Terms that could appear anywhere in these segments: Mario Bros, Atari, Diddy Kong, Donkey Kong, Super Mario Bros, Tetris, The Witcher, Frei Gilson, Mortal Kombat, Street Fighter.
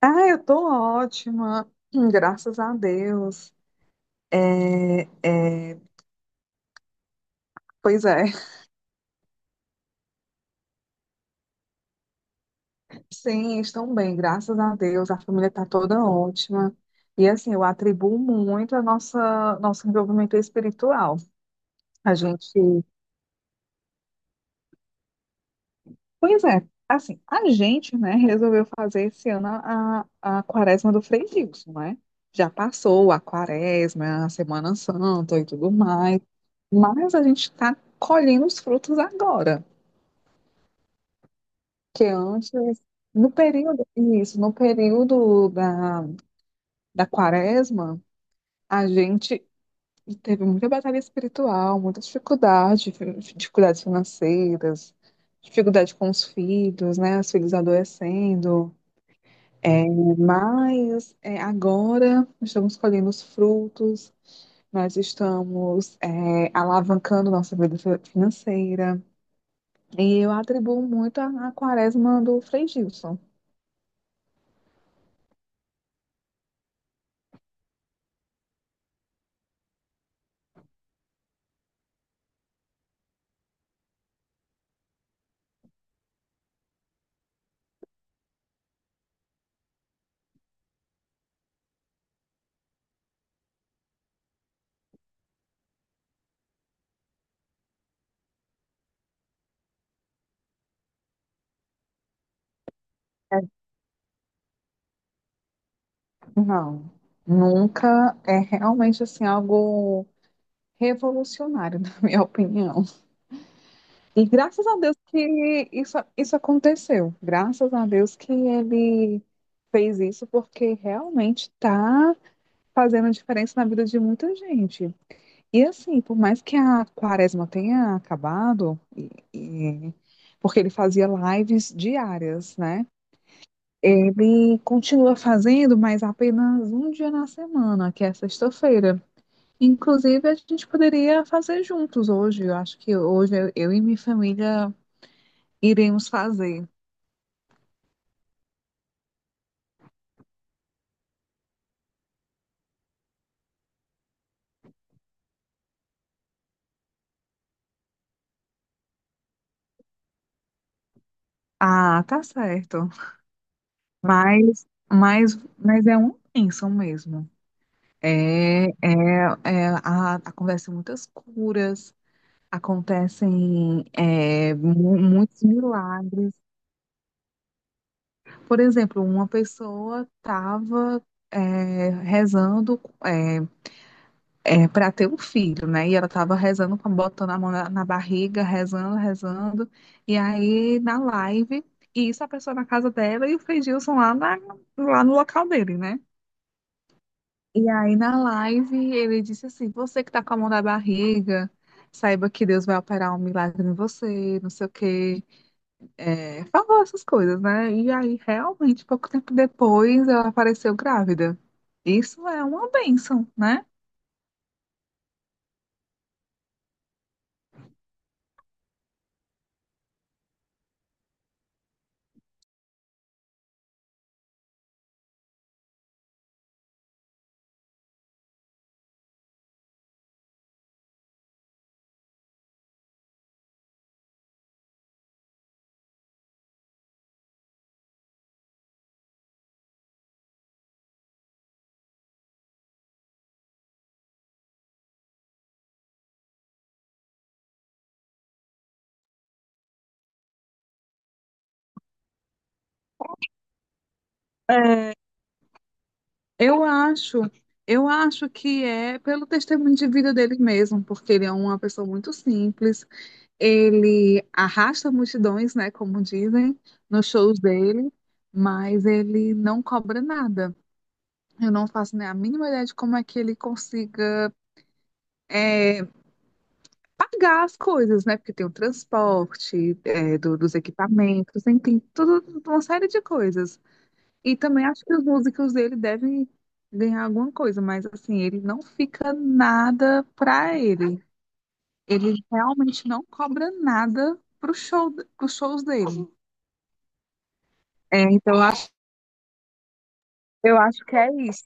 Ah, eu tô ótima. Graças a Deus. É, é, pois é, sim, estão bem, graças a Deus. A família está toda ótima. E assim, eu atribuo muito a nossa nosso envolvimento espiritual. A gente, pois é, assim, a gente, né, resolveu fazer esse ano a quaresma do Frei Gilson, né? Já passou a quaresma, a Semana Santa e tudo mais, mas a gente está colhendo os frutos agora. Que antes, no período, isso, no período da quaresma, a gente teve muita batalha espiritual, muita dificuldade, dificuldades financeiras, dificuldade com os filhos, né, os filhos adoecendo. É, mas é, agora nós estamos colhendo os frutos, nós estamos alavancando nossa vida financeira. E eu atribuo muito a quaresma do Frei Gilson. Não, nunca é realmente assim algo revolucionário, na minha opinião. E graças a Deus que isso aconteceu. Graças a Deus que ele fez isso, porque realmente está fazendo diferença na vida de muita gente. E assim, por mais que a quaresma tenha acabado, porque ele fazia lives diárias, né? Ele continua fazendo, mas apenas um dia na semana, que é sexta-feira. Inclusive, a gente poderia fazer juntos hoje. Eu acho que hoje eu e minha família iremos fazer. Ah, tá certo. Mas, mas é uma bênção mesmo. É, é, é, a, acontecem muitas curas, acontecem muitos milagres. Por exemplo, uma pessoa estava rezando para ter um filho, né? E ela estava rezando, botando a mão na barriga, rezando, rezando. E aí, na live, e isso a pessoa na casa dela e o Fred Gilson lá, lá no local dele, né? E aí, na live, ele disse assim: Você que tá com a mão na barriga, saiba que Deus vai operar um milagre em você, não sei o quê. É, falou essas coisas, né? E aí, realmente, pouco tempo depois, ela apareceu grávida. Isso é uma bênção, né? É, eu acho, eu acho que é pelo testemunho de vida dele mesmo, porque ele é uma pessoa muito simples, ele arrasta multidões, né, como dizem, nos shows dele, mas ele não cobra nada. Eu não faço nem a mínima ideia de como é que ele consiga pagar as coisas, né, porque tem o transporte, é, dos equipamentos, enfim, tudo, uma série de coisas. E também acho que os músicos dele devem ganhar alguma coisa, mas assim, ele não fica nada pra ele. Ele realmente não cobra nada pro show, pros shows dele. É, então eu acho que é isso.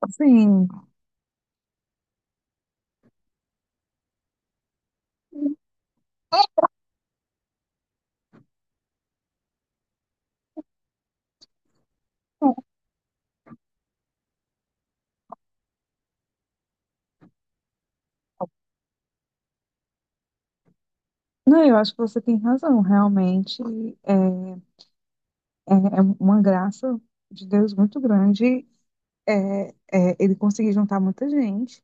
Assim, não, eu acho que você tem razão, realmente. É, é, é uma graça de Deus muito grande. É, é, ele conseguir juntar muita gente.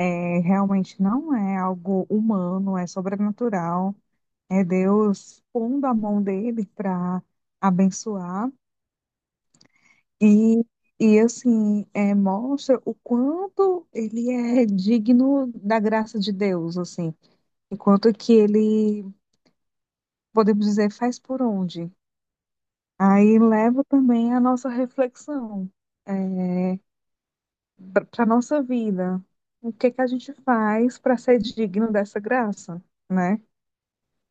É, realmente não é algo humano, é sobrenatural. É Deus pondo a mão dele para abençoar e, e assim é, mostra o quanto ele é digno da graça de Deus, assim, enquanto que ele, podemos dizer, faz por onde. Aí leva também a nossa reflexão é, para a nossa vida. O que que a gente faz para ser digno dessa graça, né?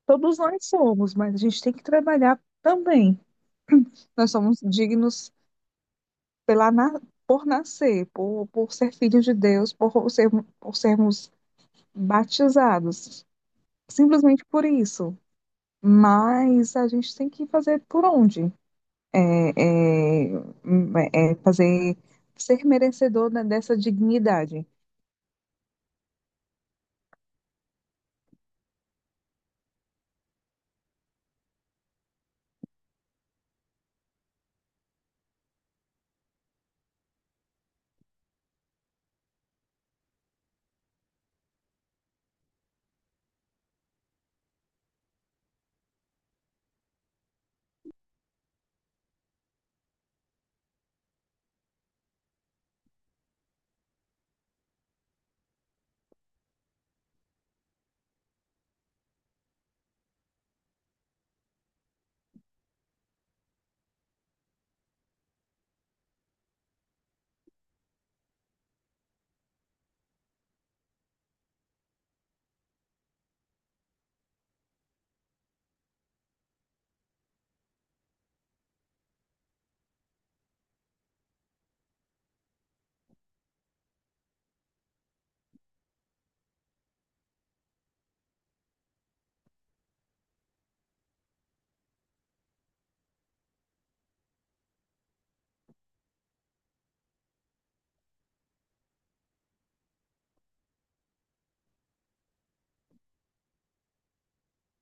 Todos nós somos, mas a gente tem que trabalhar também. Nós somos dignos pela, por nascer, por ser filhos de Deus, por, ser, por sermos batizados, simplesmente por isso. Mas a gente tem que fazer por onde? É, é, é fazer ser merecedor dessa dignidade.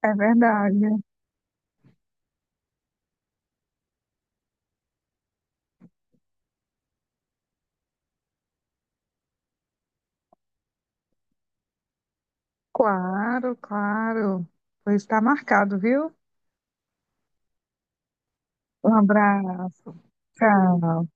É verdade. Claro, claro. Pois está marcado, viu? Um abraço. Tchau.